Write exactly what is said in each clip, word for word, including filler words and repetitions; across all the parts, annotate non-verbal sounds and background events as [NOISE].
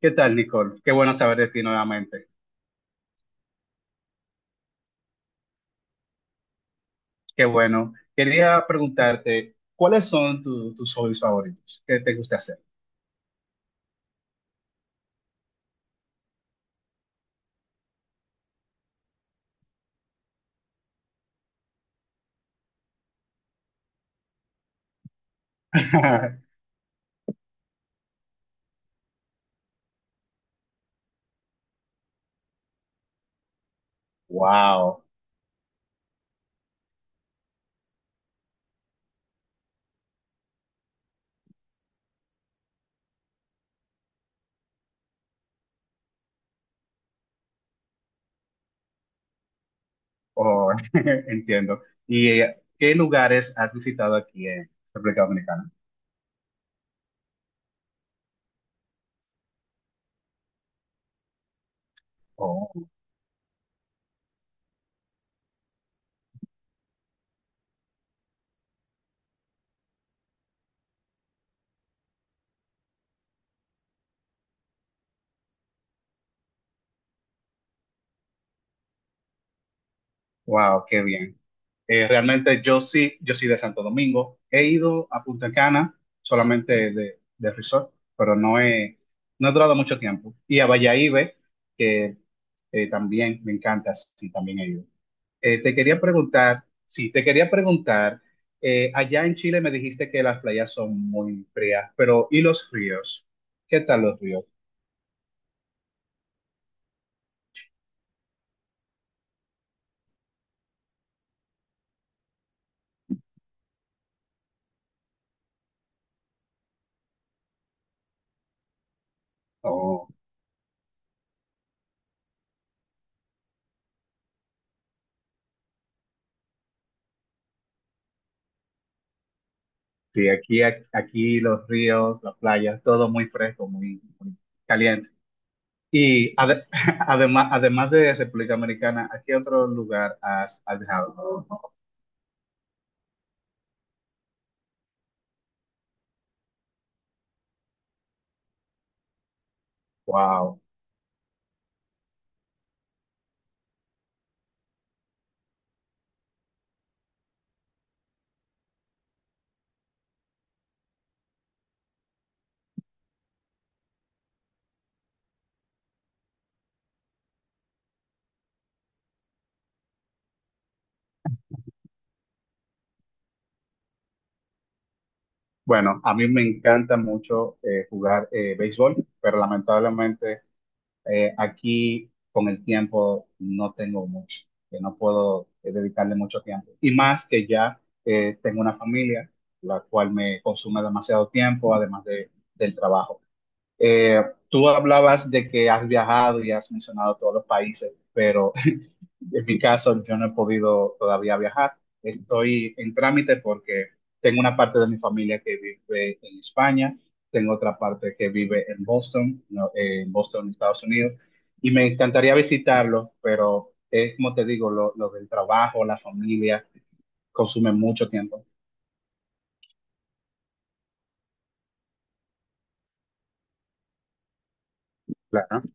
¿Qué tal, Nicole? Qué bueno saber de ti nuevamente. Qué bueno. Quería preguntarte, ¿cuáles son tu- tus hobbies favoritos? ¿Qué te gusta hacer? [LAUGHS] Wow. Oh, [LAUGHS] entiendo. ¿Y eh, qué lugares has visitado aquí en República Dominicana? Oh, wow, qué bien. Eh, realmente yo sí, yo soy de Santo Domingo. He ido a Punta Cana solamente de, de resort, pero no he, no he durado mucho tiempo. Y a Valladolid, que eh, también me encanta, sí, también he ido. Eh, te quería preguntar, sí, te quería preguntar, eh, allá en Chile me dijiste que las playas son muy frías, pero ¿y los ríos? ¿Qué tal los ríos? Oh, sí, aquí, aquí los ríos, las playas, todo muy fresco, muy, muy caliente. Y ade- [LAUGHS] además, además de República Americana, ¿a qué otro lugar has, has viajado? Wow. Bueno, a mí me encanta mucho eh, jugar eh, béisbol, pero lamentablemente eh, aquí con el tiempo no tengo mucho, que no puedo eh, dedicarle mucho tiempo. Y más que ya eh, tengo una familia, la cual me consume demasiado tiempo, además de, del trabajo. Eh, Tú hablabas de que has viajado y has mencionado todos los países, pero en mi caso, yo no he podido todavía viajar. Estoy en trámite porque tengo una parte de mi familia que vive en España, tengo otra parte que vive en Boston, no, eh, en Boston, Estados Unidos, y me encantaría visitarlo, pero es como te digo, lo, lo del trabajo, la familia, consume mucho tiempo. Claro.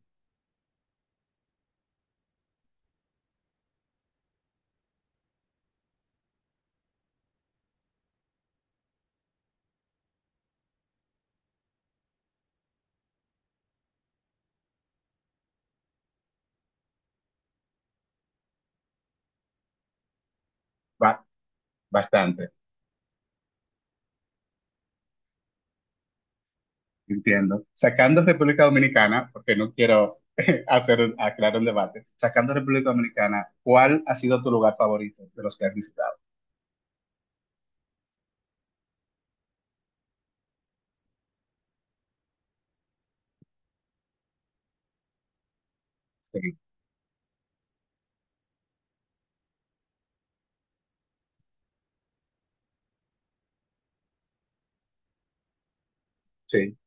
ba- Bastante, entiendo. Sacando República Dominicana, porque no quiero [LAUGHS] hacer, aclarar un debate, sacando República Dominicana, ¿cuál ha sido tu lugar favorito de los que has visitado? Sí, sí,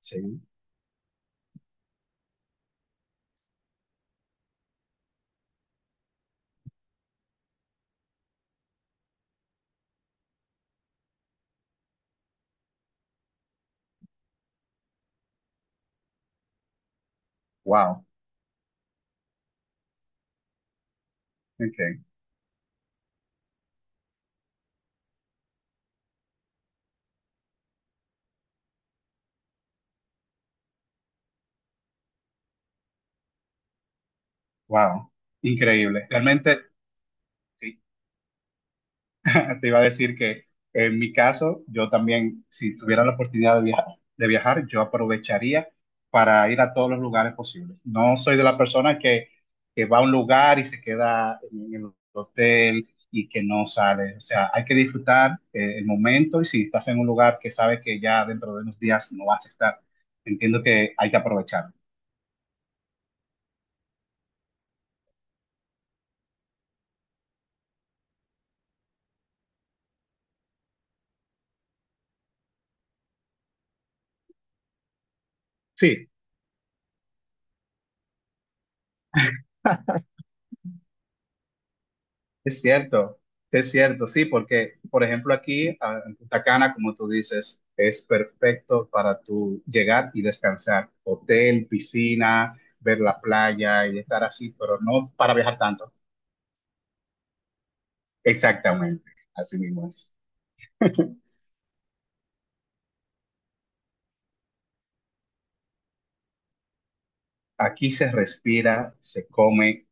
sí. Wow. Okay. Wow. Increíble. Realmente sí, [LAUGHS] te iba a decir que en mi caso, yo también, si tuviera la oportunidad de viajar, de viajar, yo aprovecharía para ir a todos los lugares posibles. No soy de la persona que, que va a un lugar y se queda en el hotel y que no sale. O sea, hay que disfrutar eh, el momento, y si estás en un lugar que sabes que ya dentro de unos días no vas a estar, entiendo que hay que aprovechar. Sí. Es cierto, es cierto, sí, porque, por ejemplo, aquí ah, en Punta Cana, como tú dices, es perfecto para tú llegar y descansar. Hotel, piscina, ver la playa y estar así, pero no para viajar tanto. Exactamente, así mismo es. Aquí se respira, se come,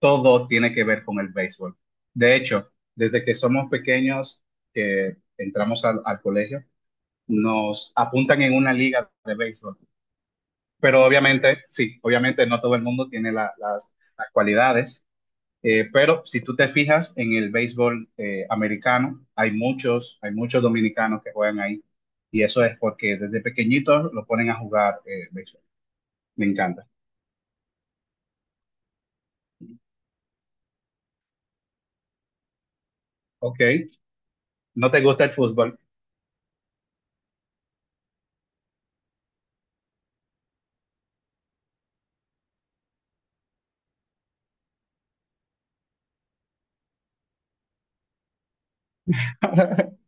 todo tiene que ver con el béisbol. De hecho, desde que somos pequeños, que entramos al al colegio, nos apuntan en una liga de béisbol. Pero obviamente, sí, obviamente no todo el mundo tiene la- las, las cualidades, eh, pero si tú te fijas en el béisbol eh, americano, hay muchos, hay muchos dominicanos que juegan ahí, y eso es porque desde pequeñitos lo ponen a jugar eh, béisbol. Me encanta. Ok, no te gusta el fútbol. [LAUGHS]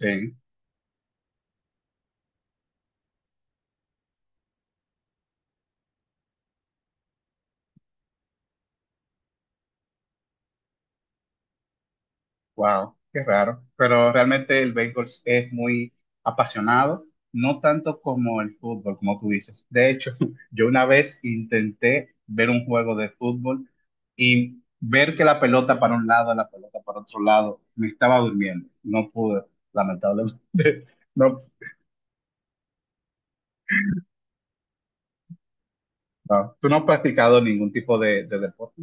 Sí. Wow, qué raro. Pero realmente el béisbol es muy apasionado, no tanto como el fútbol, como tú dices. De hecho, [LAUGHS] yo una vez intenté ver un juego de fútbol y ver que la pelota para un lado, la pelota para otro lado, me estaba durmiendo. No pude, lamentablemente. [LAUGHS] No, no. ¿Tú no has practicado ningún tipo de, de deporte?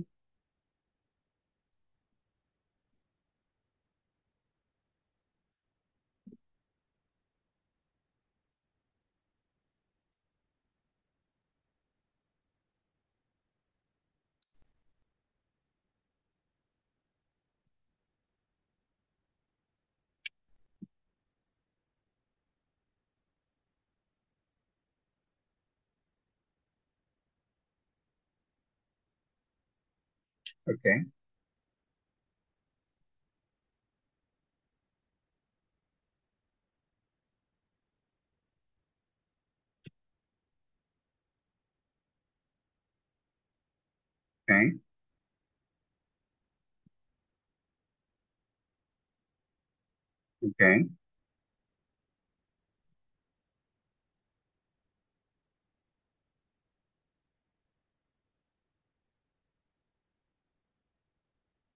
Ok, ok, ok.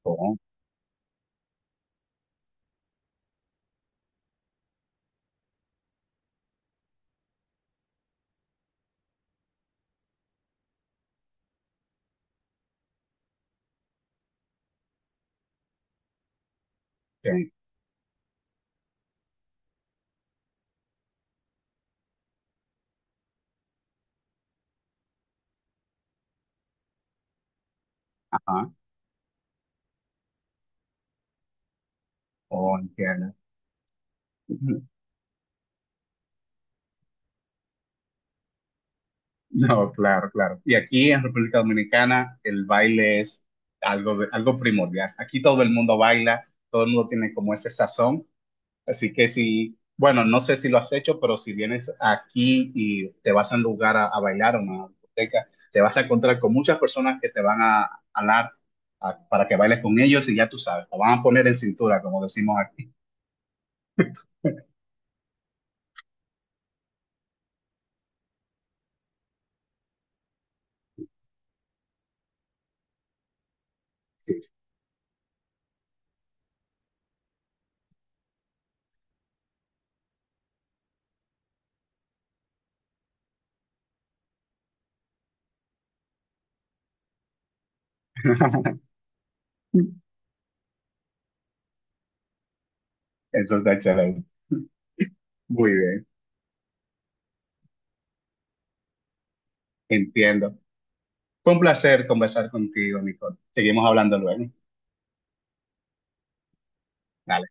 Oh, ok, ajá. Oh, entiendo. No, [LAUGHS] claro, claro. Y aquí en República Dominicana el baile es algo, de- algo primordial. Aquí todo el mundo baila, todo el mundo tiene como ese sazón. Así que si, bueno, no sé si lo has hecho, pero si vienes aquí y te vas a un lugar a, a bailar, a una discoteca, te vas a encontrar con muchas personas que te van a hablar para que bailes con ellos y ya tú sabes, te van a poner en cintura, como decimos aquí. [LAUGHS] Eso está excelente. Muy bien, entiendo. Fue un placer conversar contigo, Nicole. Seguimos hablando luego. Dale.